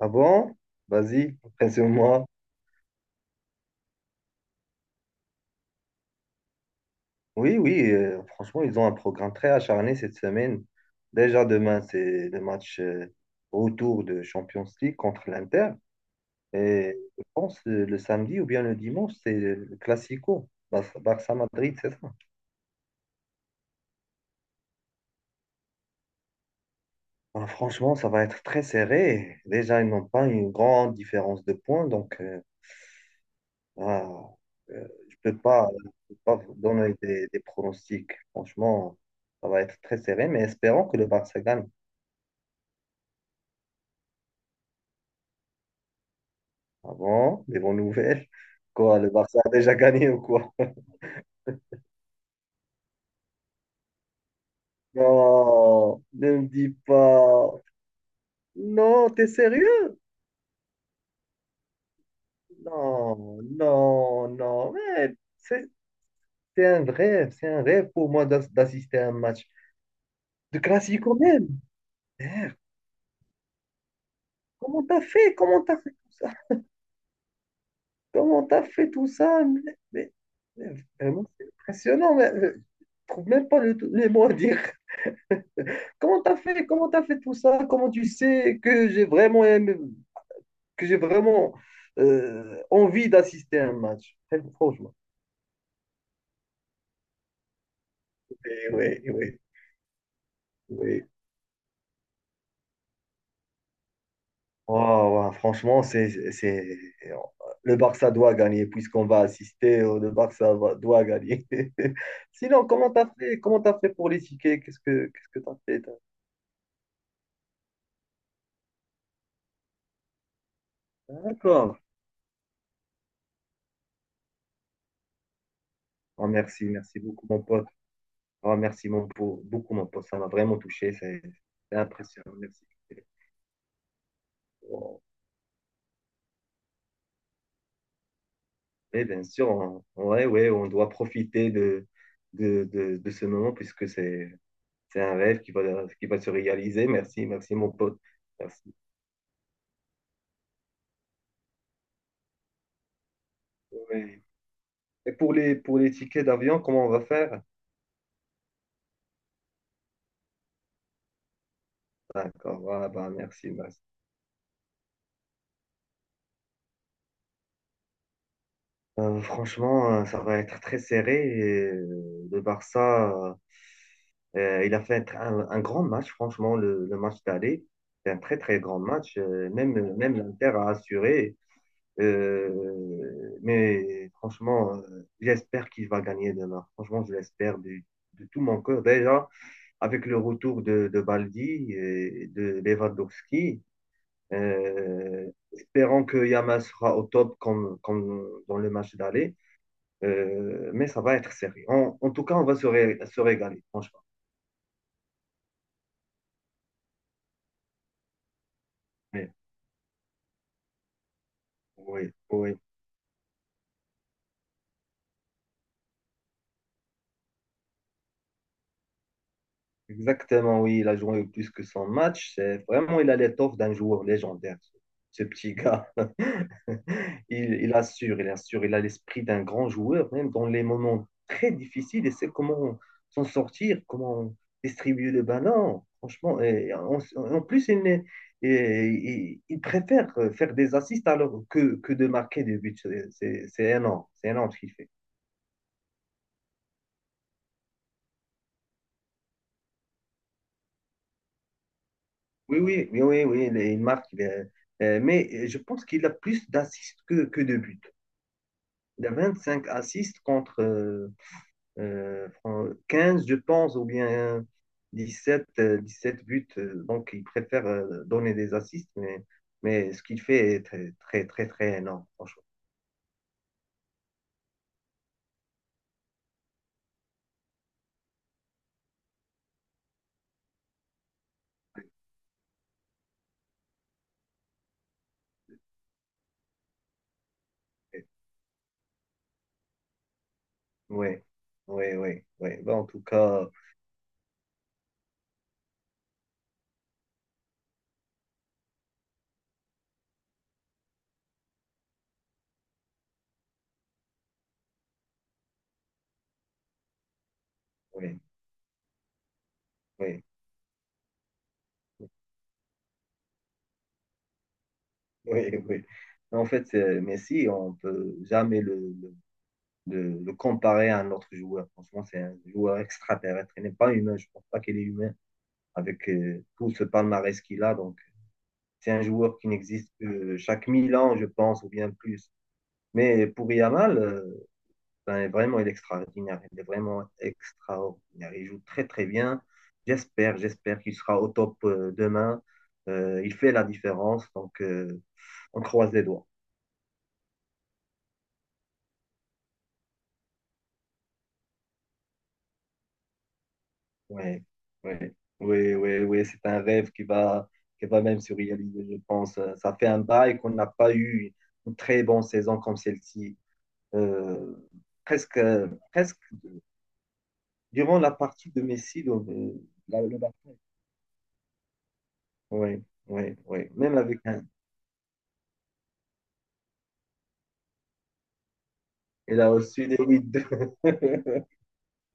Ah bon? Vas-y, impressionne-moi. Oui, oui, franchement, ils ont un programme très acharné cette semaine. Déjà demain, c'est le match retour de Champions League contre l'Inter. Et je pense le samedi ou bien le dimanche, c'est le Classico, Barça-Madrid, c'est ça. Alors, franchement, ça va être très serré. Déjà, ils n'ont pas une grande différence de points, donc. Ah, je peux pas vous donner des pronostics. Franchement, ça va être très serré, mais espérons que le Barça gagne. Avant, des bonnes nouvelles. Quoi, le Barça a déjà gagné ou quoi? Non, ne me dis pas. Non, t'es sérieux? Non, non, non. Mais c'est un rêve, c'est un rêve pour moi d'assister à un match de classico même. Merde, comment t'as fait? Comment t'as fait tout ça? Comment t'as fait tout ça? Mais vraiment, c'est impressionnant. Mais je trouve même pas les mots à dire. Comment t'as fait? Comment t'as fait tout ça? Comment tu sais que j'ai vraiment aimé, que j'ai vraiment envie d'assister à un match? Très franchement. Oui, oui, oui. Waouh, waouh, franchement, c'est. Le Barça doit gagner puisqu'on va assister. Le Barça doit gagner. Sinon, comment t'as fait? Comment t'as fait pour les tickets? Qu'est-ce que t'as fait? D'accord. Oh, merci, merci beaucoup, mon pote. Oh, merci, beaucoup, mon pote. Ça m'a vraiment touché. C'est impressionnant. Merci. Oh, et bien sûr, on, ouais, ouais, on doit profiter de ce moment puisque c'est un rêve qui va se réaliser. Merci, merci, mon pote. Merci. Ouais. Et pour les tickets d'avion, comment on va faire? D'accord, voilà, bah, merci, merci. Franchement, ça va être très serré. Et, le Barça. Il a fait un grand match, franchement, le match d'aller. C'est un très, très grand match. Même l'Inter a assuré. Mais franchement, j'espère qu'il va gagner demain. Franchement, je l'espère de tout mon cœur. Déjà, avec le retour de Baldi et de Lewandowski, euh, espérons que Yamal sera au top comme dans le match d'aller. Mais ça va être serré. En tout cas, on va se régaler, franchement. Mais, oui, oui. Exactement, oui, il a joué plus que son match. C'est vraiment, il a l'étoffe d'un joueur légendaire, ce petit gars. Il assure, il assure, il a l'esprit d'un grand joueur, même dans les moments très difficiles. Il sait comment s'en sortir, comment distribuer le ballon. Franchement, et en plus, il, n'est- et- il préfère faire des assists alors que de marquer des buts. C'est énorme, c'est énorme ce qu'il fait. Oui, oui, oui, oui, oui, il marque. Mais je pense qu'il a plus d'assists que de buts. Il a 25 assists contre 15, je pense, ou bien 17 sept buts. Donc, il préfère donner des assists, mais ce qu'il fait est très, très, très, très énorme, franchement. Oui, oui, oui, oui. Ben, en tout cas, oui, oui, oui, oui. En fait, Messi, on ne peut jamais le, de le comparer à un autre joueur. Franchement, c'est un joueur extraterrestre. Il n'est pas humain. Je ne pense pas qu'il est humain avec tout ce palmarès qu'il a. Donc, c'est un joueur qui n'existe que chaque mille ans, je pense, ou bien plus. Mais pour Yamal, ben, vraiment, il est extraordinaire. Il est vraiment extraordinaire. Il joue très, très bien. J'espère qu'il sera au top demain. Il fait la différence. Donc, on croise les doigts. Ouais, ouais, ouais, ouais, ouais, c'est un rêve qui va même se réaliser, je pense. Ça fait un bail qu'on n'a pas eu une très bonne saison comme celle-ci. Euh, Presque, presque durant la partie de Messi, donc, le baptême. Ouais, ouais, ouais. Même avec un. Il a reçu les 8-2.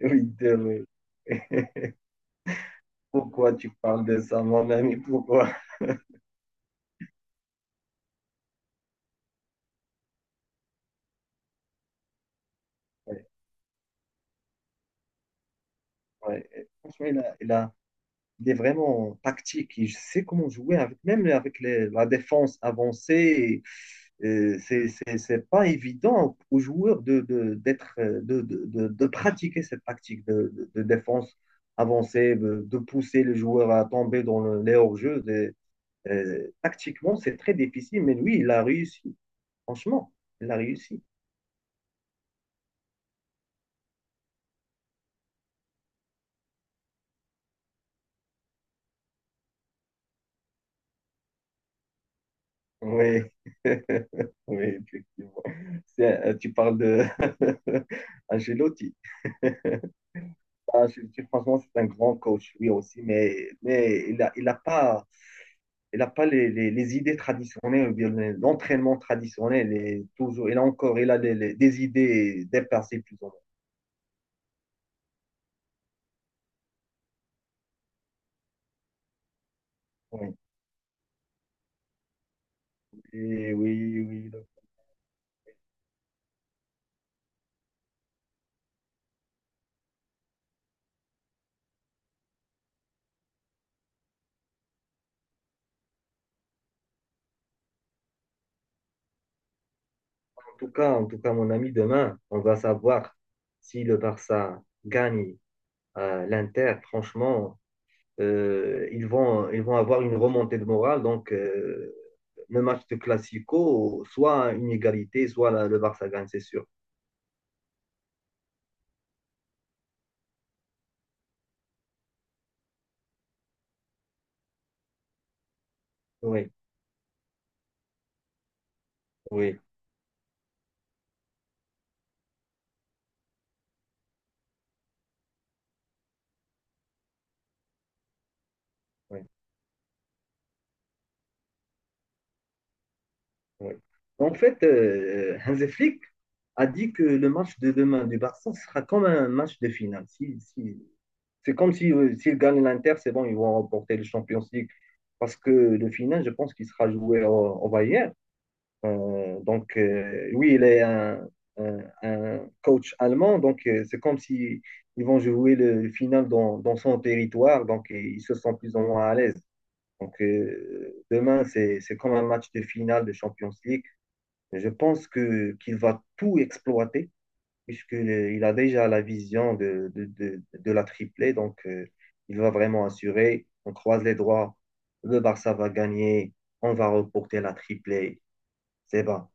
8-2, ouais. Pourquoi tu parles de ça, mon ami? Pourquoi? Ouais, ouais. Franchement, il est vraiment tactique. Il sait comment jouer, même avec la défense avancée. C'est pas évident aux joueurs d'être, de pratiquer cette tactique de défense avancée, de pousser les joueurs à tomber dans les hors-jeux. Tactiquement, c'est très difficile, mais lui, il a réussi. Franchement, il a réussi. Oui, oui, effectivement. Tu parles de Ancelotti. Ah, je dis franchement, c'est un grand coach, lui aussi, mais il a pas, il a pas les idées traditionnelles, ou bien l'entraînement traditionnel. Et toujours, il a encore il a les- des idées dépassées, plus ou moins. Oui, et oui, oui, donc, en tout cas, mon ami, demain, on va savoir si le Barça gagne l'Inter. Franchement, ils vont avoir une remontée de morale. Donc, le match de Classico, soit une égalité, soit le Barça gagne, c'est sûr. Oui. Oui, oui, oui. En fait, Hansi Flick a dit que le match de demain du Barça sera comme un match de finale. C'est comme si, s'ils gagnent l'Inter, c'est bon, ils vont remporter le Champions League. Parce que le final, je pense qu'il sera joué au Bayern. Donc, oui, il est un coach allemand. Donc, c'est comme si ils vont jouer final dans son territoire. Donc, ils se sentent plus ou moins à l'aise. Donc, demain, c'est comme un match de finale de Champions League. Je pense que qu'il va tout exploiter, puisqu'il a déjà la vision de la triplée. Donc, il va vraiment assurer. On croise les doigts. Le Barça va gagner. On va reporter la triplée. C'est bas.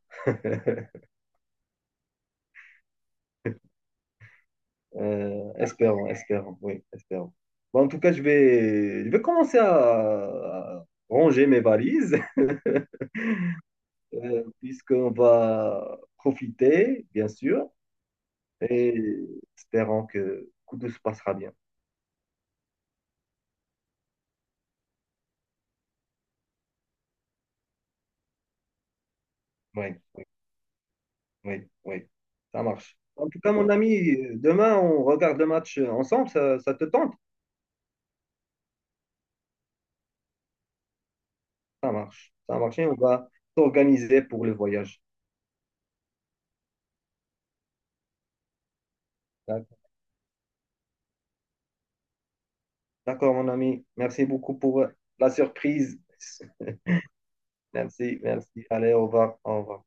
Espérons, espérons. Oui, espérons. Bon, en tout cas, je vais commencer à ranger mes valises. Puisqu'on va profiter, bien sûr, et espérons que tout se passera bien. Oui, oui, oui, oui, ça marche. En tout cas, mon ami, demain, on regarde le match ensemble, ça te tente? Ça marche, et on va s'organiser pour le voyage. D'accord, d'accord, mon ami, merci beaucoup pour la surprise. Merci, merci. Allez, au revoir, au revoir.